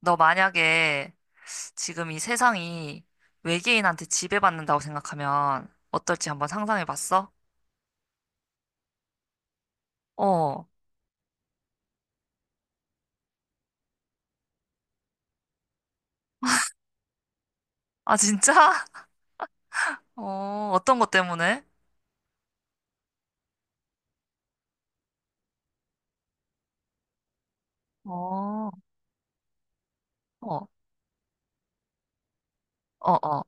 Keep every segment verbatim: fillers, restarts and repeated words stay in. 너 만약에 지금 이 세상이 외계인한테 지배받는다고 생각하면 어떨지 한번 상상해 봤어? 어. 아, 진짜? 어, 어떤 것 때문에? 어, 어, 어, 어.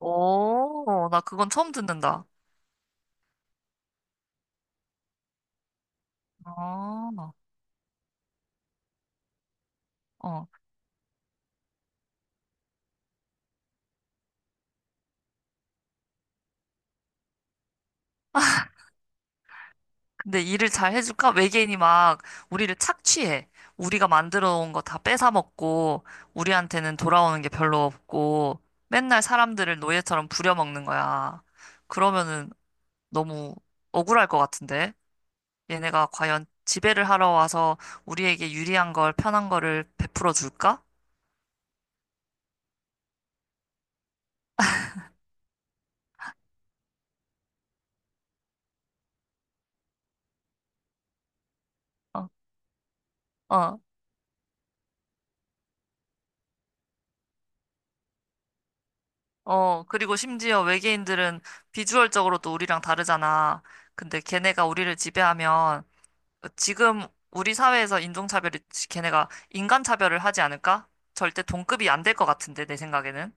오, 나 그건 처음 듣는다. 어, 어. 근데 일을 잘 해줄까? 외계인이 막 우리를 착취해. 우리가 만들어 온 거 다 뺏어 먹고, 우리한테는 돌아오는 게 별로 없고, 맨날 사람들을 노예처럼 부려먹는 거야. 그러면은, 너무 억울할 것 같은데. 얘네가 과연 지배를 하러 와서 우리에게 유리한 걸, 편한 거를 베풀어 줄까? 어, 어, 어. 그리고 심지어 외계인들은 비주얼적으로 또 우리랑 다르잖아. 근데 걔네가 우리를 지배하면 지금 우리 사회에서 인종차별이 걔네가 인간차별을 하지 않을까? 절대 동급이 안 될 것 같은데, 내 생각에는.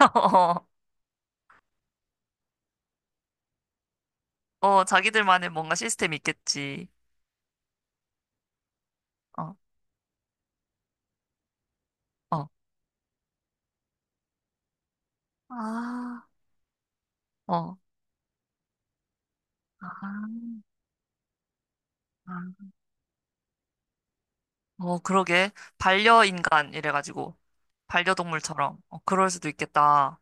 어, 어, 자기들만의 뭔가 시스템이 있겠지. 어, 어. 아, 어. 아. 어, 그러게. 반려인간 이래가지고. 반려동물처럼. 어, 그럴 수도 있겠다.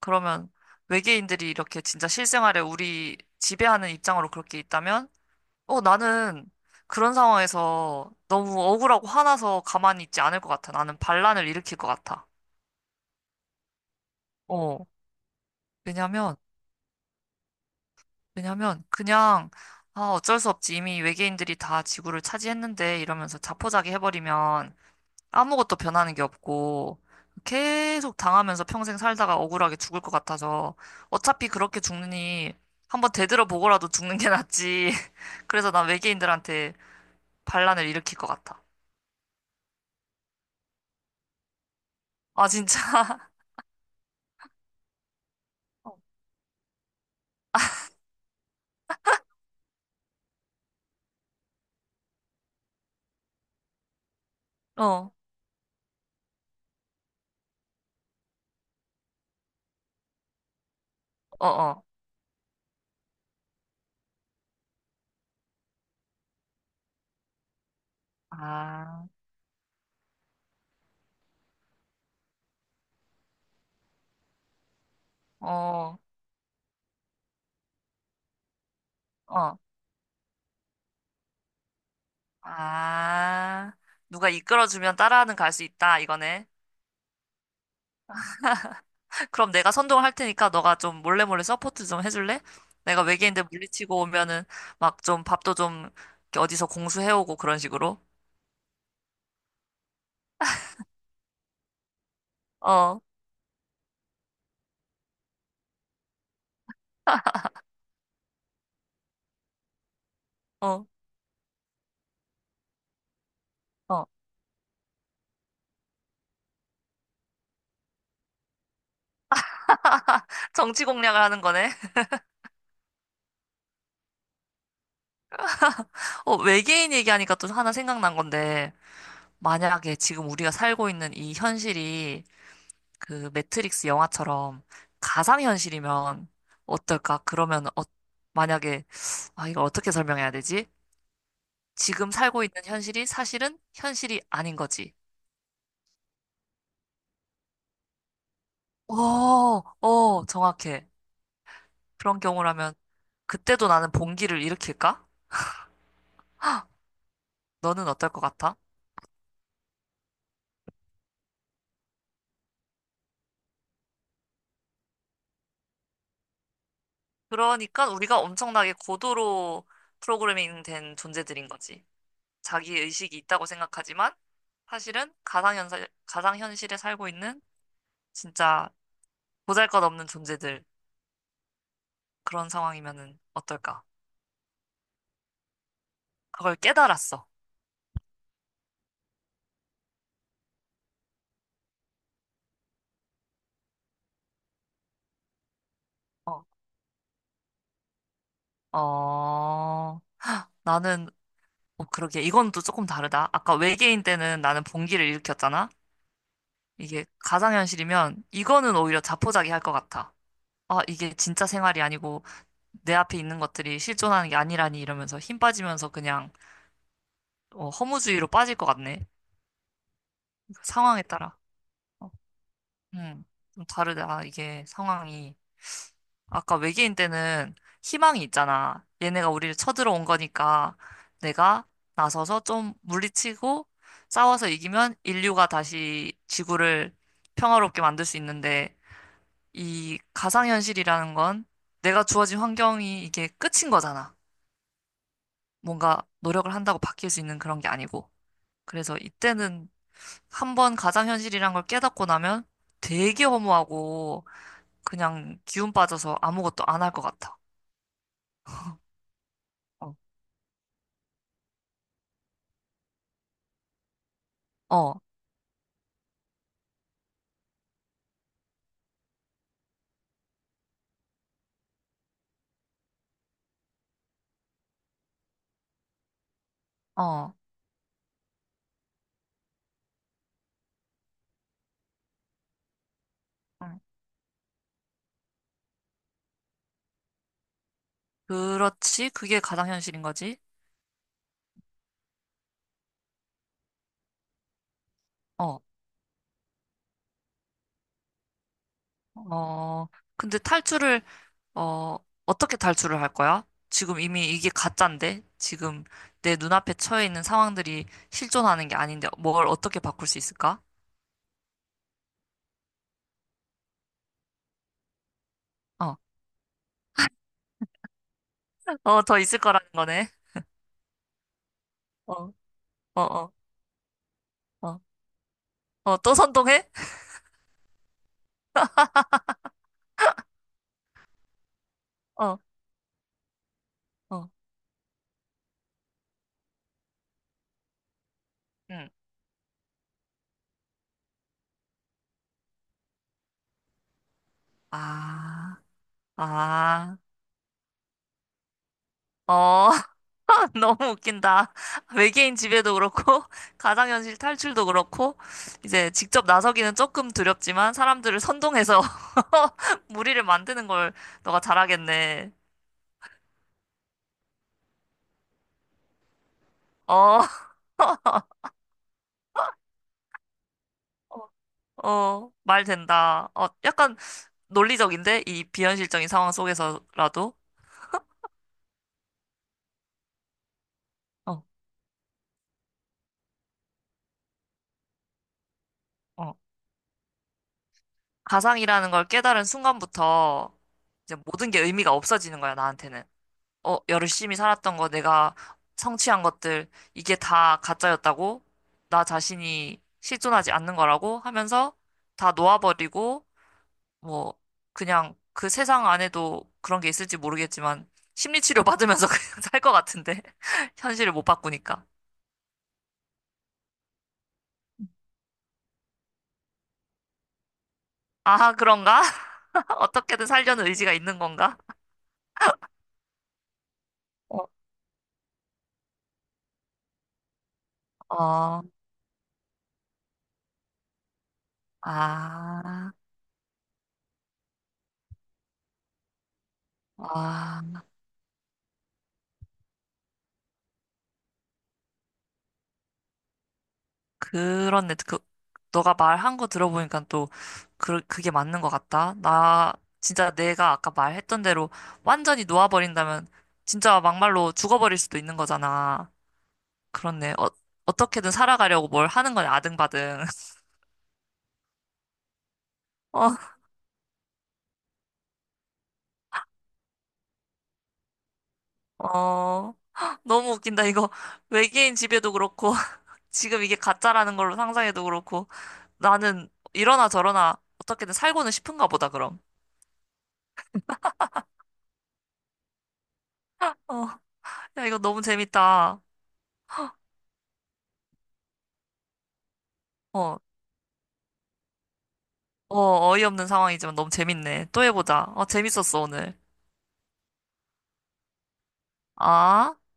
그러면 외계인들이 이렇게 진짜 실생활에 우리 지배하는 입장으로 그렇게 있다면, 어, 나는 그런 상황에서 너무 억울하고 화나서 가만히 있지 않을 것 같아. 나는 반란을 일으킬 것 같아. 어, 왜냐면, 왜냐면, 그냥, 아, 어쩔 수 없지. 이미 외계인들이 다 지구를 차지했는데 이러면서 자포자기 해버리면 아무것도 변하는 게 없고 계속 당하면서 평생 살다가 억울하게 죽을 것 같아서 어차피 그렇게 죽느니 한번 되들어보고라도 죽는 게 낫지. 그래서 난 외계인들한테 반란을 일으킬 것 같아. 아, 진짜? 어, 어, 어. 아, 어, 어. 아, 누가 이끌어주면 따라하는 갈 수 있다, 이거네. 그럼 내가 선동을 할 테니까 너가 좀 몰래 몰래 서포트 좀 해줄래? 내가 외계인들 물리치고 오면은 막 좀 밥도 좀 이렇게 어디서 공수해오고 그런 식으로. 어, 어, 어. 정치 공략을 하는 거네. 어, 외계인 얘기하니까 또 하나 생각난 건데, 만약에 지금 우리가 살고 있는 이 현실이 그 매트릭스 영화처럼 가상현실이면 어떨까? 그러면 어, 만약에, 아, 이걸 어떻게 설명해야 되지? 지금 살고 있는 현실이 사실은 현실이 아닌 거지. 어, 어, 정확해. 그런 경우라면 그때도 나는 봉기를 일으킬까? 너는 어떨 것 같아? 그러니까 우리가 엄청나게 고도로 프로그래밍 된 존재들인 거지. 자기 의식이 있다고 생각하지만 사실은 가상현실, 가상현실에 살고 있는 진짜 보잘것없는 존재들. 그런 상황이면은 어떨까? 그걸 깨달았어. 어, 어, 나는, 어, 그러게. 이건 또 조금 다르다. 아까 외계인 때는 나는 봉기를 일으켰잖아. 이게 가상현실이면 이거는 오히려 자포자기 할 것 같아. 아, 이게 진짜 생활이 아니고 내 앞에 있는 것들이 실존하는 게 아니라니 이러면서 힘 빠지면서 그냥 어, 허무주의로 빠질 것 같네. 상황에 따라. 어, 음, 좀 다르다. 아, 이게 상황이. 아까 외계인 때는 희망이 있잖아. 얘네가 우리를 쳐들어온 거니까 내가 나서서 좀 물리치고 싸워서 이기면 인류가 다시 지구를 평화롭게 만들 수 있는데 이 가상현실이라는 건 내가 주어진 환경이 이게 끝인 거잖아. 뭔가 노력을 한다고 바뀔 수 있는 그런 게 아니고. 그래서 이때는 한 번 가상현실이란 걸 깨닫고 나면 되게 허무하고 그냥 기운 빠져서 아무것도 안 할 것 같아. 어, 어, 어. 응. 그렇지. 그게 가상현실인 거지. 어, 어. 근데 탈출을 어, 어떻게 탈출을 할 거야? 지금 이미 이게 가짠데? 지금 내 눈앞에 처해 있는 상황들이 실존하는 게 아닌데 뭘 어떻게 바꿀 수 있을까? 어, 어, 더 있을 거라는 거네. 어, 어, 어, 어, 어, 또 선동해? 어, 어, 응. 아, 아. 어, 너무 웃긴다. 외계인 지배도 그렇고, 가상현실 탈출도 그렇고, 이제 직접 나서기는 조금 두렵지만, 사람들을 선동해서 무리를 만드는 걸 너가 잘하겠네. 어, 어, 말 된다. 어, 약간 논리적인데? 이 비현실적인 상황 속에서라도? 어, 어. 가상이라는 걸 깨달은 순간부터, 이제 모든 게 의미가 없어지는 거야, 나한테는. 어, 열심히 살았던 거, 내가 성취한 것들, 이게 다 가짜였다고, 나 자신이 실존하지 않는 거라고 하면서 다 놓아버리고, 뭐, 그냥 그 세상 안에도 그런 게 있을지 모르겠지만, 심리치료 받으면서 그냥 살 것 같은데. 현실을 못 바꾸니까. 아, 그런가? 어떻게든 살려는 의지가 있는 건가? 어, 어, 아, 아. 그렇네. 그, 너가 말한 거 들어보니까 또 그, 그게 맞는 것 같다. 나 진짜 내가 아까 말했던 대로 완전히 놓아버린다면 진짜 막말로 죽어버릴 수도 있는 거잖아. 그렇네. 어, 어떻게든 살아가려고 뭘 하는 거냐, 아등바등. 어, 어, 너무 웃긴다. 이거 외계인 집에도 그렇고 지금 이게 가짜라는 걸로 상상해도 그렇고 나는 이러나 저러나 어떻게든 살고는 싶은가 보다, 그럼. 어, 야, 이거 너무 재밌다. 어. 어, 어이없는 상황이지만 너무 재밌네. 또 해보자. 어, 재밌었어, 오늘. 아.